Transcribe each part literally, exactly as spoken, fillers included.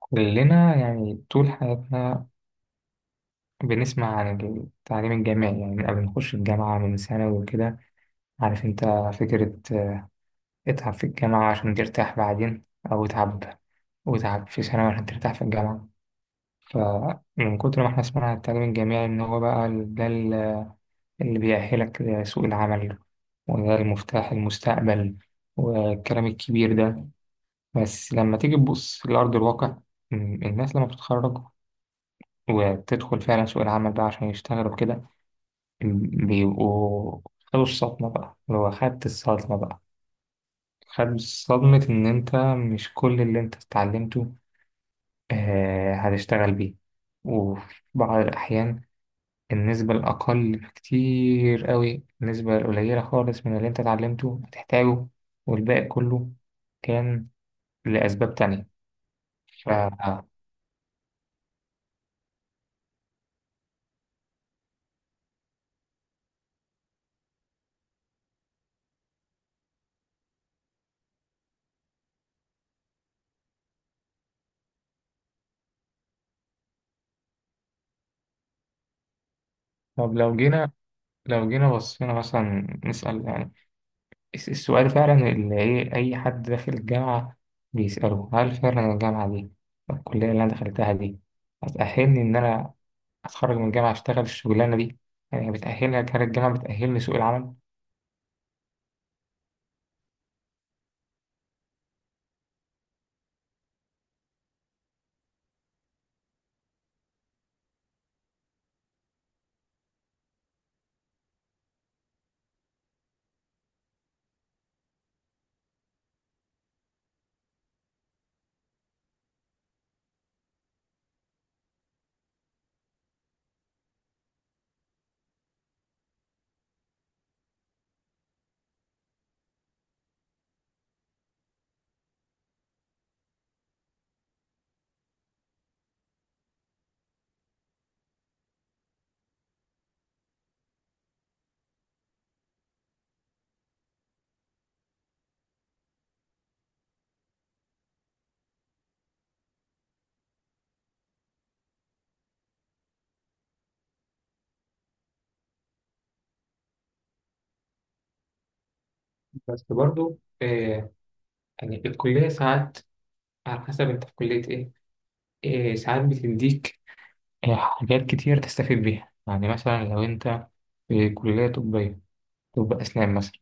كلنا يعني طول حياتنا بنسمع عن التعليم الجامعي، يعني من قبل ما نخش الجامعة من ثانوي وكده. عارف انت فكرة آه، اتعب في الجامعة عشان ترتاح بعدين، أو اتعب واتعب في ثانوي عشان ترتاح في الجامعة. فمن كتر ما احنا سمعنا عن التعليم الجامعي إن هو بقى ال- ده ال- اللي بيأهلك لسوق العمل، وده المفتاح المستقبل والكلام الكبير ده. بس لما تيجي تبص لأرض الواقع، م- الناس لما بتتخرج وبتدخل فعلا سوق العمل بقى عشان يشتغلوا كده، بيبقوا خدوا الصدمة بقى، اللي هو خدت الصدمة بقى، خد صدمة إن أنت مش كل اللي أنت اتعلمته آه هتشتغل بيه. وفي بعض الأحيان النسبة الأقل بكتير قوي، النسبة القليلة خالص من اللي أنت اتعلمته هتحتاجه، والباقي كله كان لأسباب تانية. ف... طب لو جينا، لو جينا بصينا مثلا نسأل الس- السؤال فعلا اللي إيه، أي حد داخل الجامعة بيسأله، هل فعلا الجامعة دي، الكلية اللي أنا دخلتها دي، هتأهلني إن أنا أتخرج من الجامعة أشتغل الشغلانة دي؟ يعني بتأهلني، هل الجامعة بتأهلني سوق العمل؟ بس برضو آه، يعني في الكلية ساعات، على حسب أنت في كلية إيه، إيه ساعات بتديك آه، حاجات كتير تستفيد بيها. يعني مثلا لو أنت في كلية طبية، طب أسنان مثلا،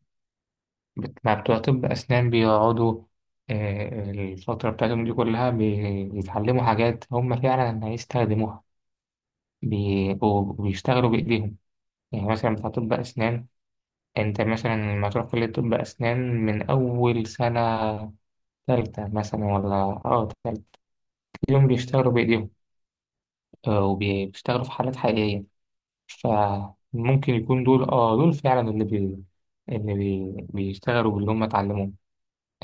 بت- مع بتوع طب أسنان بيقعدوا آه، الفترة بتاعتهم دي كلها بي- بيتعلموا حاجات هم فعلا هيستخدموها، بيبقوا بيشتغلوا بإيديهم. يعني مثلا بتاع طب أسنان، أنت مثلا لما تروح كلية طب أسنان من أول سنة تالتة مثلا، ولا أه تالتة، اليوم بيشتغلوا بإيديهم، آه، وبيشتغلوا في حالات حقيقية. فممكن يكون دول أه دول فعلا اللي بي اللي بي بيشتغلوا باللي هم اتعلموه.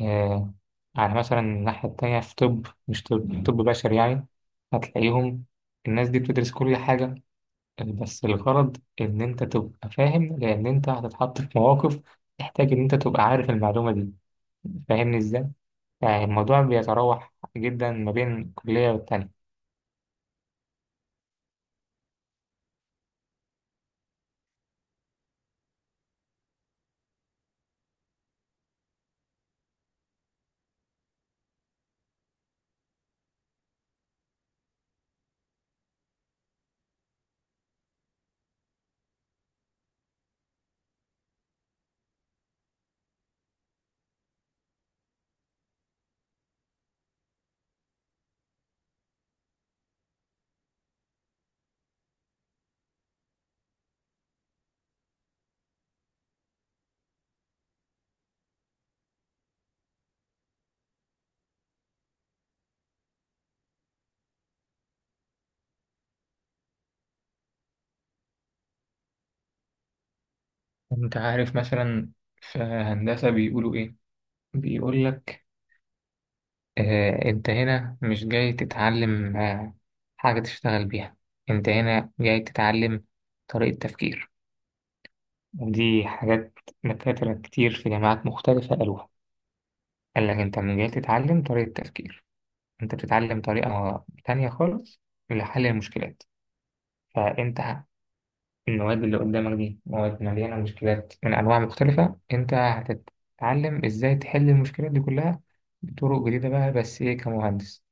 آه، على مثلا الناحية التانية في طب، مش طب، طب بشري يعني، هتلاقيهم الناس دي بتدرس كل حاجة، بس الغرض إن أنت تبقى فاهم، لأن أنت هتتحط في مواقف تحتاج إن أنت تبقى عارف المعلومة دي. فاهمني إزاي؟ يعني الموضوع بيتراوح جدا ما بين كلية والتانية. أنت عارف مثلا في هندسة بيقولوا إيه؟ بيقول لك آه، انت هنا مش جاي تتعلم آه، حاجة تشتغل بيها، انت هنا جاي تتعلم طريقة تفكير. ودي حاجات دكاترة كتير في جامعات مختلفة قالوها، قال لك انت من جاي تتعلم طريقة تفكير، انت بتتعلم طريقة تانية خالص لحل المشكلات. فانت ه- المواد اللي قدامك دي مواد مليانة مشكلات من أنواع مختلفة، انت هتتعلم ازاي تحل المشكلات دي كلها بطرق جديدة بقى، بس ايه، كمهندس.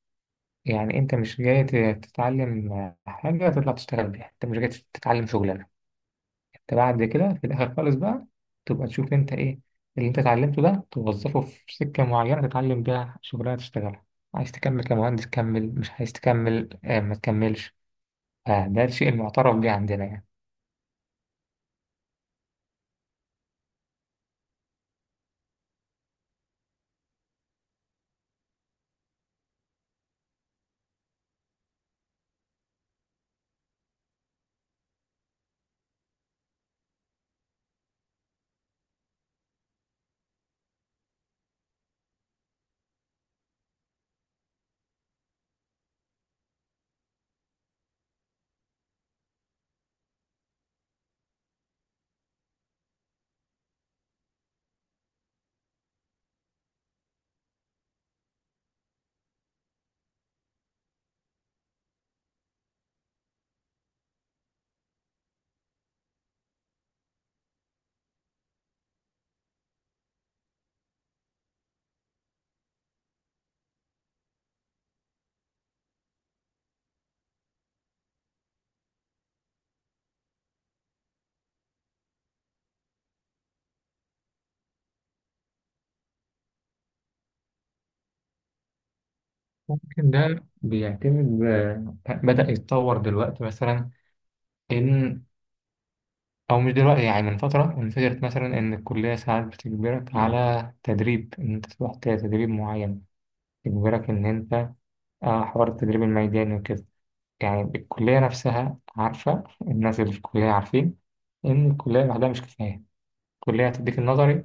يعني انت مش جاي ت- تتعلم حاجة تطلع تشتغل بيها، انت مش جاي تتعلم شغلانة. انت بعد كده في الاخر خالص بقى تبقى تشوف انت ايه اللي انت اتعلمته ده، توظفه في سكة معينة تتعلم بيها شغلانة تشتغلها. عايز تكمل كمهندس، كمل، مش عايز تكمل آه ما تكملش. فده الشيء المعترف بيه عندنا يعني. ممكن ده بيعتمد، آه، بدأ يتطور دلوقتي مثلا، إن، أو مش دلوقتي، يعني من فترة انفجرت مثلا، إن الكلية ساعات بتجبرك على تدريب، إن أنت تروح تدريب معين، تجبرك إن أنت آه، حوار التدريب الميداني وكده. يعني الكلية نفسها عارفة، الناس اللي في الكلية عارفين إن الكلية لوحدها مش كفاية. الكلية هتديك النظري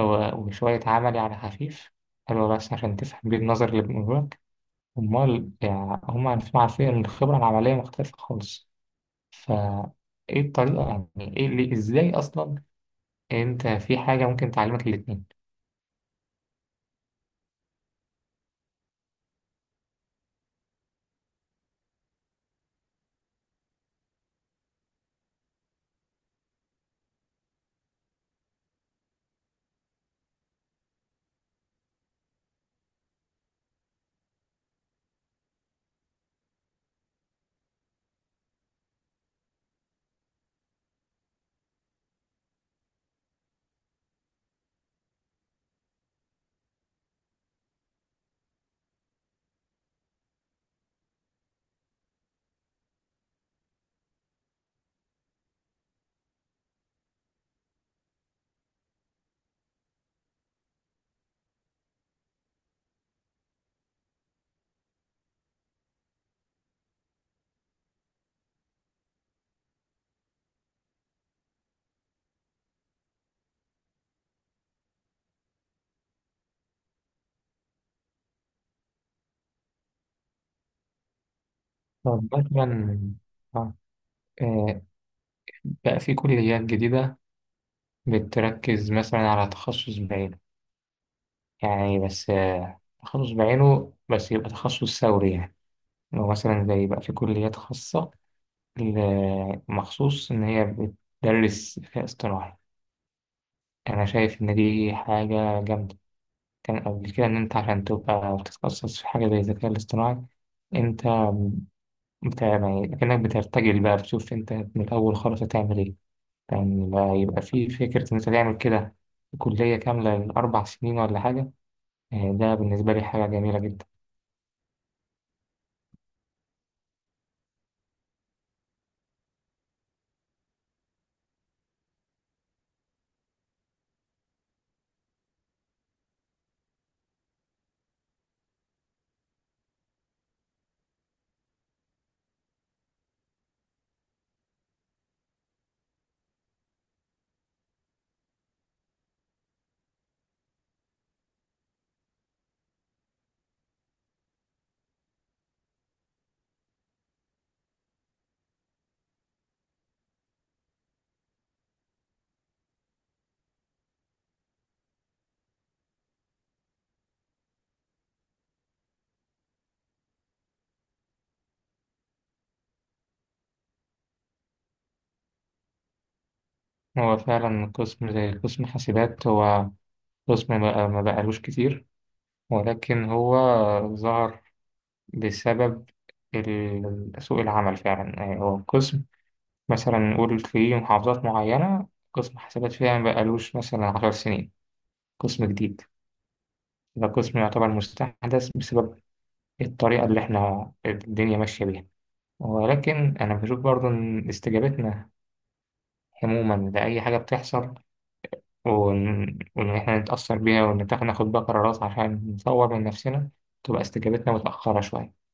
أو- وشوية عملي على خفيف، حلو بس عشان تفهم بيه النظري اللي بيقولوا لك. أمال يعني هم عارفين، عارفين إن الخبرة العملية مختلفة خالص. ف ايه الطريقة، يعني ايه اللي ازاي اصلا انت في حاجة ممكن تعلمك الاتنين؟ طب مثلا، آه، آه، بقى في كليات جديدة بتركز مثلا على تخصص بعينه، يعني بس آه، تخصص بعينه بس يبقى تخصص ثوري يعني. لو مثلا زي بقى في كليات خاصة ل- مخصوص إن هي بتدرس ذكاء اصطناعي، أنا شايف إن دي حاجة جامدة. كان قبل كده إن أنت عشان تبقى تتخصص في حاجة زي الذكاء الاصطناعي، أنت، انت يعني كأنك بترتجل بقى، بتشوف انت من الأول خالص هتعمل ايه. كان يعني لا، يبقى في فكرة ان انت تعمل كده كلية كاملة لأربع سنين ولا حاجة. آه، ده بالنسبة لي حاجة جميلة جدا. هو فعلا قسم زي قسم حاسبات، هو قسم ما ما بقالوش كتير، ولكن هو ظهر بسبب ال- سوق العمل فعلا. يعني هو قسم، مثلا نقول في محافظات معينة قسم حاسبات فيها ما بقالوش مثلا عشر سنين، قسم جديد، ده قسم يعتبر مستحدث بسبب الطريقة اللي احنا الدنيا ماشية بيها. ولكن أنا بشوف برضو إن استجابتنا عموما لأي حاجة بتحصل وإن وإن إحنا نتأثر بيها وإن ناخد بقى قرارات عشان نطور من نفسنا، تبقى استجابتنا متأخرة شوية.